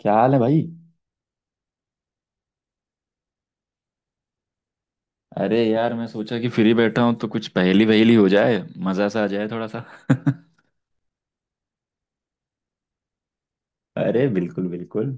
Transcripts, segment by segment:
क्या हाल है भाई। अरे यार मैं सोचा कि फ्री बैठा हूँ तो कुछ पहेली वहेली हो जाए। मजा सा आ जाए थोड़ा सा अरे बिल्कुल बिल्कुल।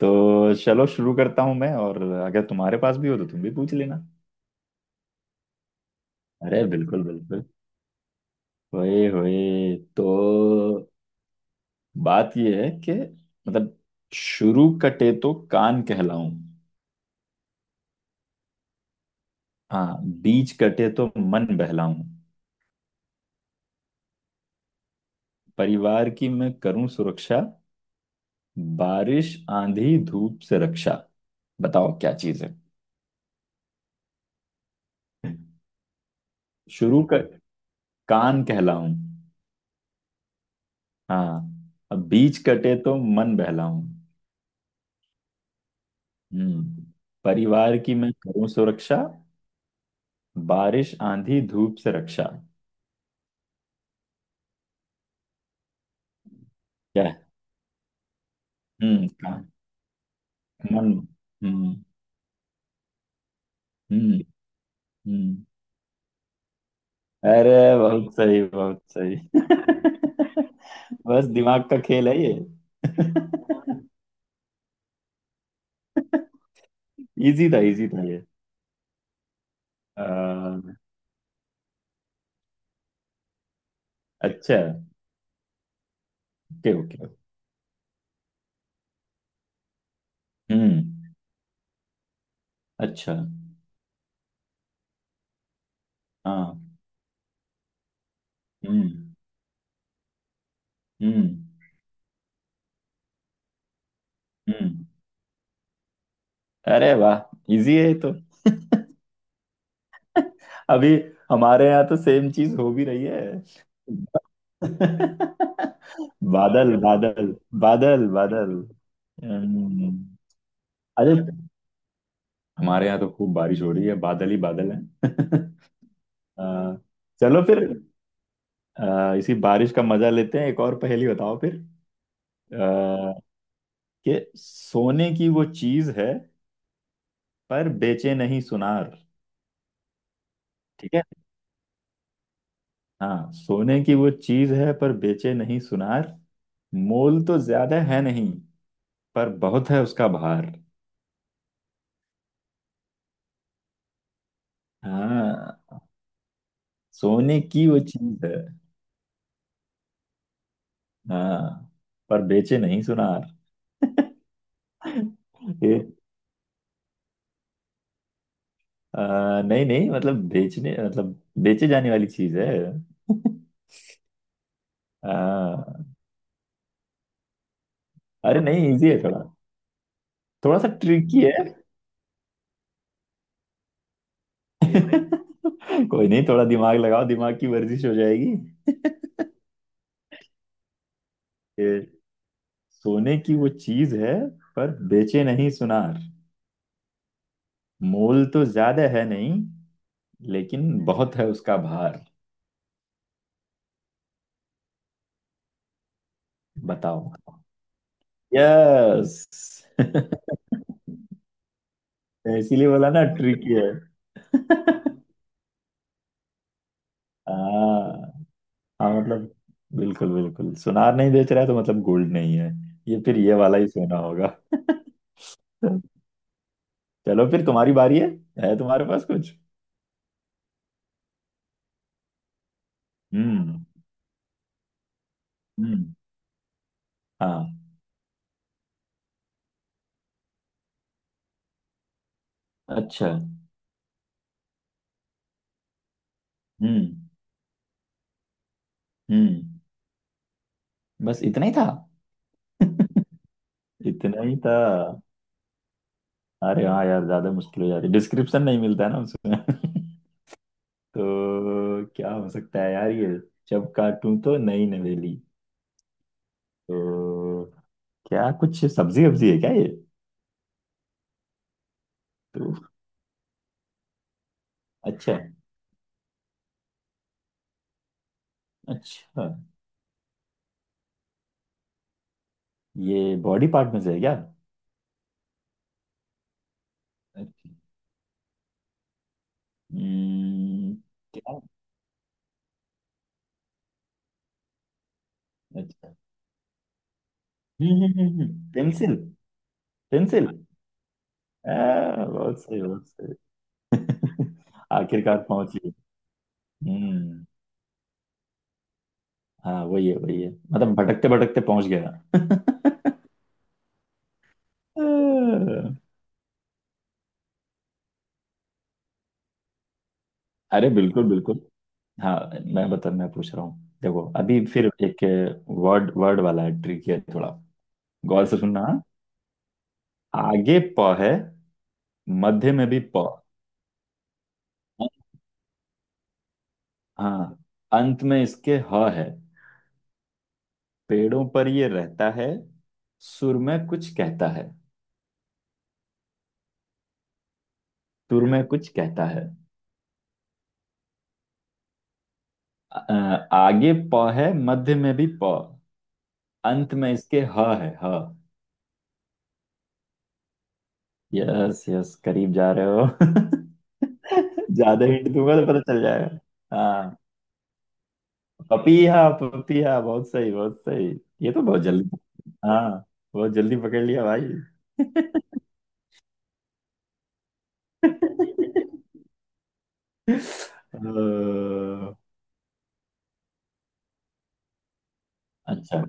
तो चलो शुरू करता हूं मैं, और अगर तुम्हारे पास भी हो तो तुम भी पूछ लेना। अरे बिल्कुल बिल्कुल। होए होए तो बात यह है कि मतलब शुरू कटे तो कान कहलाऊं। हाँ, बीच कटे तो मन बहलाऊं। परिवार की मैं करूं सुरक्षा, बारिश आंधी धूप से रक्षा। बताओ क्या चीज है। शुरू कर, कान कहलाऊं। हाँ। अब बीच कटे तो मन बहलाऊं। हम्म। परिवार की मैं करूं सुरक्षा, बारिश आंधी धूप से रक्षा। क्या है? हम्म, कान। मन। हम्म। हम्म। हम्म। अरे बहुत सही बस दिमाग का खेल है ये। इजी था ये। अ, अच्छा। Okay okay. हम्म। अच्छा। हाँ। हम्म। हम्म। हम्म। अरे वाह, इजी है ये तो। अभी हमारे यहाँ तो सेम चीज हो भी रही है। बादल बादल। बादल बादल। हम्म, अरे हमारे यहाँ तो खूब बारिश हो रही है, बादल ही बादल है। आ, चलो फिर। इसी बारिश का मजा लेते हैं, एक और पहेली बताओ फिर। आ, कि सोने की वो चीज है पर बेचे नहीं सुनार। ठीक है। हाँ, सोने की वो चीज है पर बेचे नहीं सुनार। मोल तो ज्यादा है नहीं, पर बहुत है उसका भार। हाँ। सोने की वो चीज है। हाँ। पर बेचे नहीं सुनार। ये नहीं नहीं, मतलब बेचने मतलब बेचे जाने वाली चीज है। हाँ। अरे नहीं, इजी है थोड़ा। थोड़ा सा ट्रिकी है। कोई नहीं, थोड़ा दिमाग लगाओ, दिमाग की वर्जिश हो जाएगी। ये सोने की वो चीज है पर बेचे नहीं सुनार। मोल तो ज्यादा है नहीं, लेकिन बहुत है उसका भार। बताओ। यस। इसीलिए बोला ना ट्रिकी है। हाँ। हाँ मतलब, बिल्कुल बिल्कुल, सुनार नहीं बेच रहा है तो मतलब गोल्ड नहीं है। ये फिर ये वाला ही सोना होगा। चलो फिर, तुम्हारी बारी है। है तुम्हारे पास कुछ। हम्म। हम्म। हाँ। अच्छा। हम्म। हम्म। बस इतना ही था। इतना ही था। अरे हाँ यार, ज्यादा मुश्किल हो जा रही, डिस्क्रिप्शन नहीं मिलता है ना उसमें। तो क्या हो सकता है यार ये। जब काटूं तो नई नवेली। तो क्या कुछ सब्जी वब्जी है क्या ये। तो अच्छा। अच्छा। ये बॉडी पार्ट में से है क्या। अच्छा। हम्म। क्या। अच्छा। पेंसिल। पेंसिल। बहुत सही बहुत सही। आखिरकार पहुंच लिए। हम्म। हाँ वही है वही है, मतलब भटकते भटकते पहुंच गया। आ, अरे बिल्कुल बिल्कुल। हाँ। मैं पूछ रहा हूँ, देखो अभी फिर एक वर्ड वर्ड वाला है, ट्रिक है थोड़ा। गौर से सुनना हाँ? आगे प है, मध्य में भी प। हाँ। अंत में इसके ह है। पेड़ों पर ये रहता है, सुर में कुछ कहता है। सुर में कुछ कहता है। आगे प है, मध्य में भी प। अंत में इसके ह है, ह। यस यस, करीब जा रहे हो। ज्यादा हिंट दूंगा तो पता चल जाएगा। हाँ। पपीहा पपीहा, बहुत सही बहुत सही। ये तो बहुत जल्दी। हाँ। बहुत जल्दी पकड़ लिया भाई। अ, अच्छा।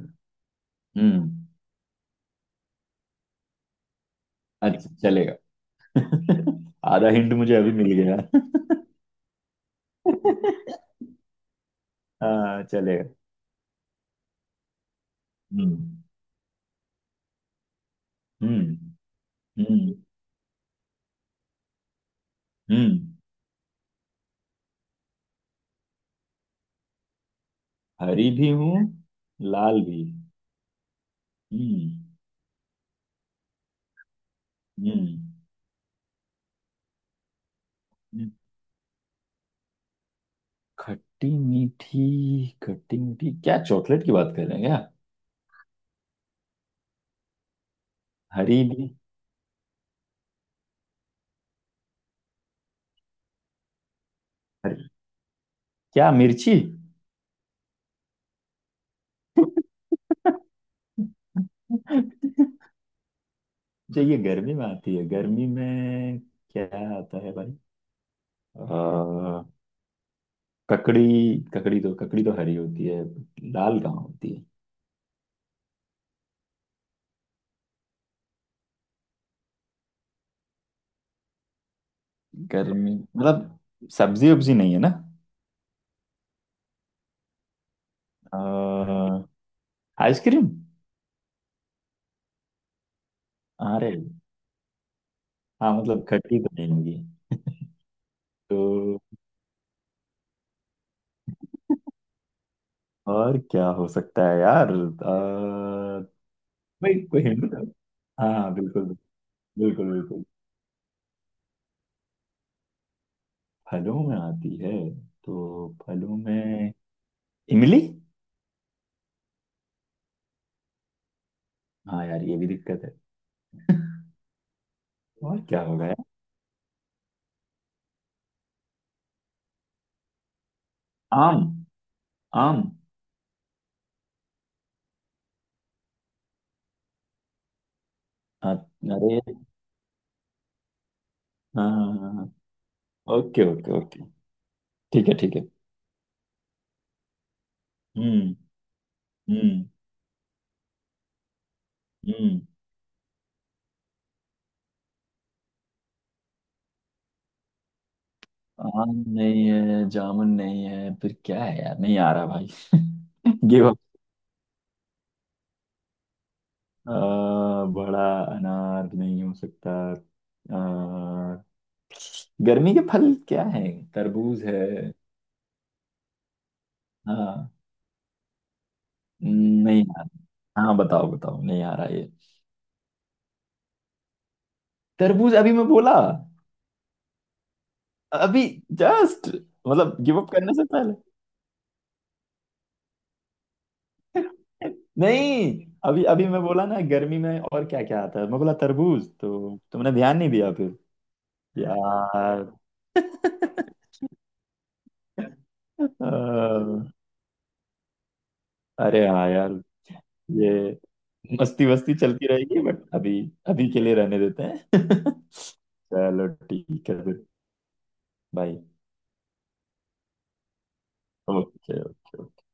हम्म। अच्छा चलेगा। आधा हिंट मुझे अभी मिल गया। हाँ चलेगा। हम्म। हम्म। हम्म। हम्म। हरी भी हूँ, लाल भी। हम्म। हम्म। हम्म। खट्टी मीठी। खट्टी मीठी, क्या चॉकलेट की बात कर रहे हैं क्या। हरी भी। हरी, क्या मिर्ची। जो ये गर्मी में आती है, गर्मी में क्या आता है भाई। आ, ककड़ी। ककड़ी तो, ककड़ी तो हरी होती है, लाल कहाँ होती है। गर्मी मतलब सब्जी उब्जी नहीं है ना। आ, आइसक्रीम। अरे हाँ मतलब, खट्टी तो नहीं होगी। तो और क्या हो सकता है यार। भाई कोई हिंट दो। हाँ हाँ, बिल्कुल बिल्कुल बिल्कुल। फलों में आती है। तो फलों में इमली। हाँ यार, ये भी दिक्कत है। और क्या होगा यार। आम। आम। अ- अरे हाँ हाँ, हाँ। Okay okay okay. ठीक है ठीक है। हम्म। हम्म। हम्म। आम नहीं है, जामुन नहीं है, फिर क्या है यार, नहीं आ रहा भाई। Give up. बड़ा, अनार नहीं हो सकता। आ, गर्मी के फल क्या है, तरबूज है। हाँ। नहीं आ रहा। हाँ बताओ बताओ, नहीं आ रहा ये। तरबूज अभी मैं बोला। अभी। जस्ट। मतलब गिव अप करने से। नहीं अभी अभी मैं बोला ना, गर्मी में और क्या क्या आता है, मैं बोला तरबूज, तो तुमने ध्यान नहीं दिया फिर। यार। अ, अरे हाँ यार। ये मस्ती वस्ती चलती रहेगी बट, अभी अभी के लिए रहने देते हैं। चलो ठीक है फिर। बाय। Okay okay.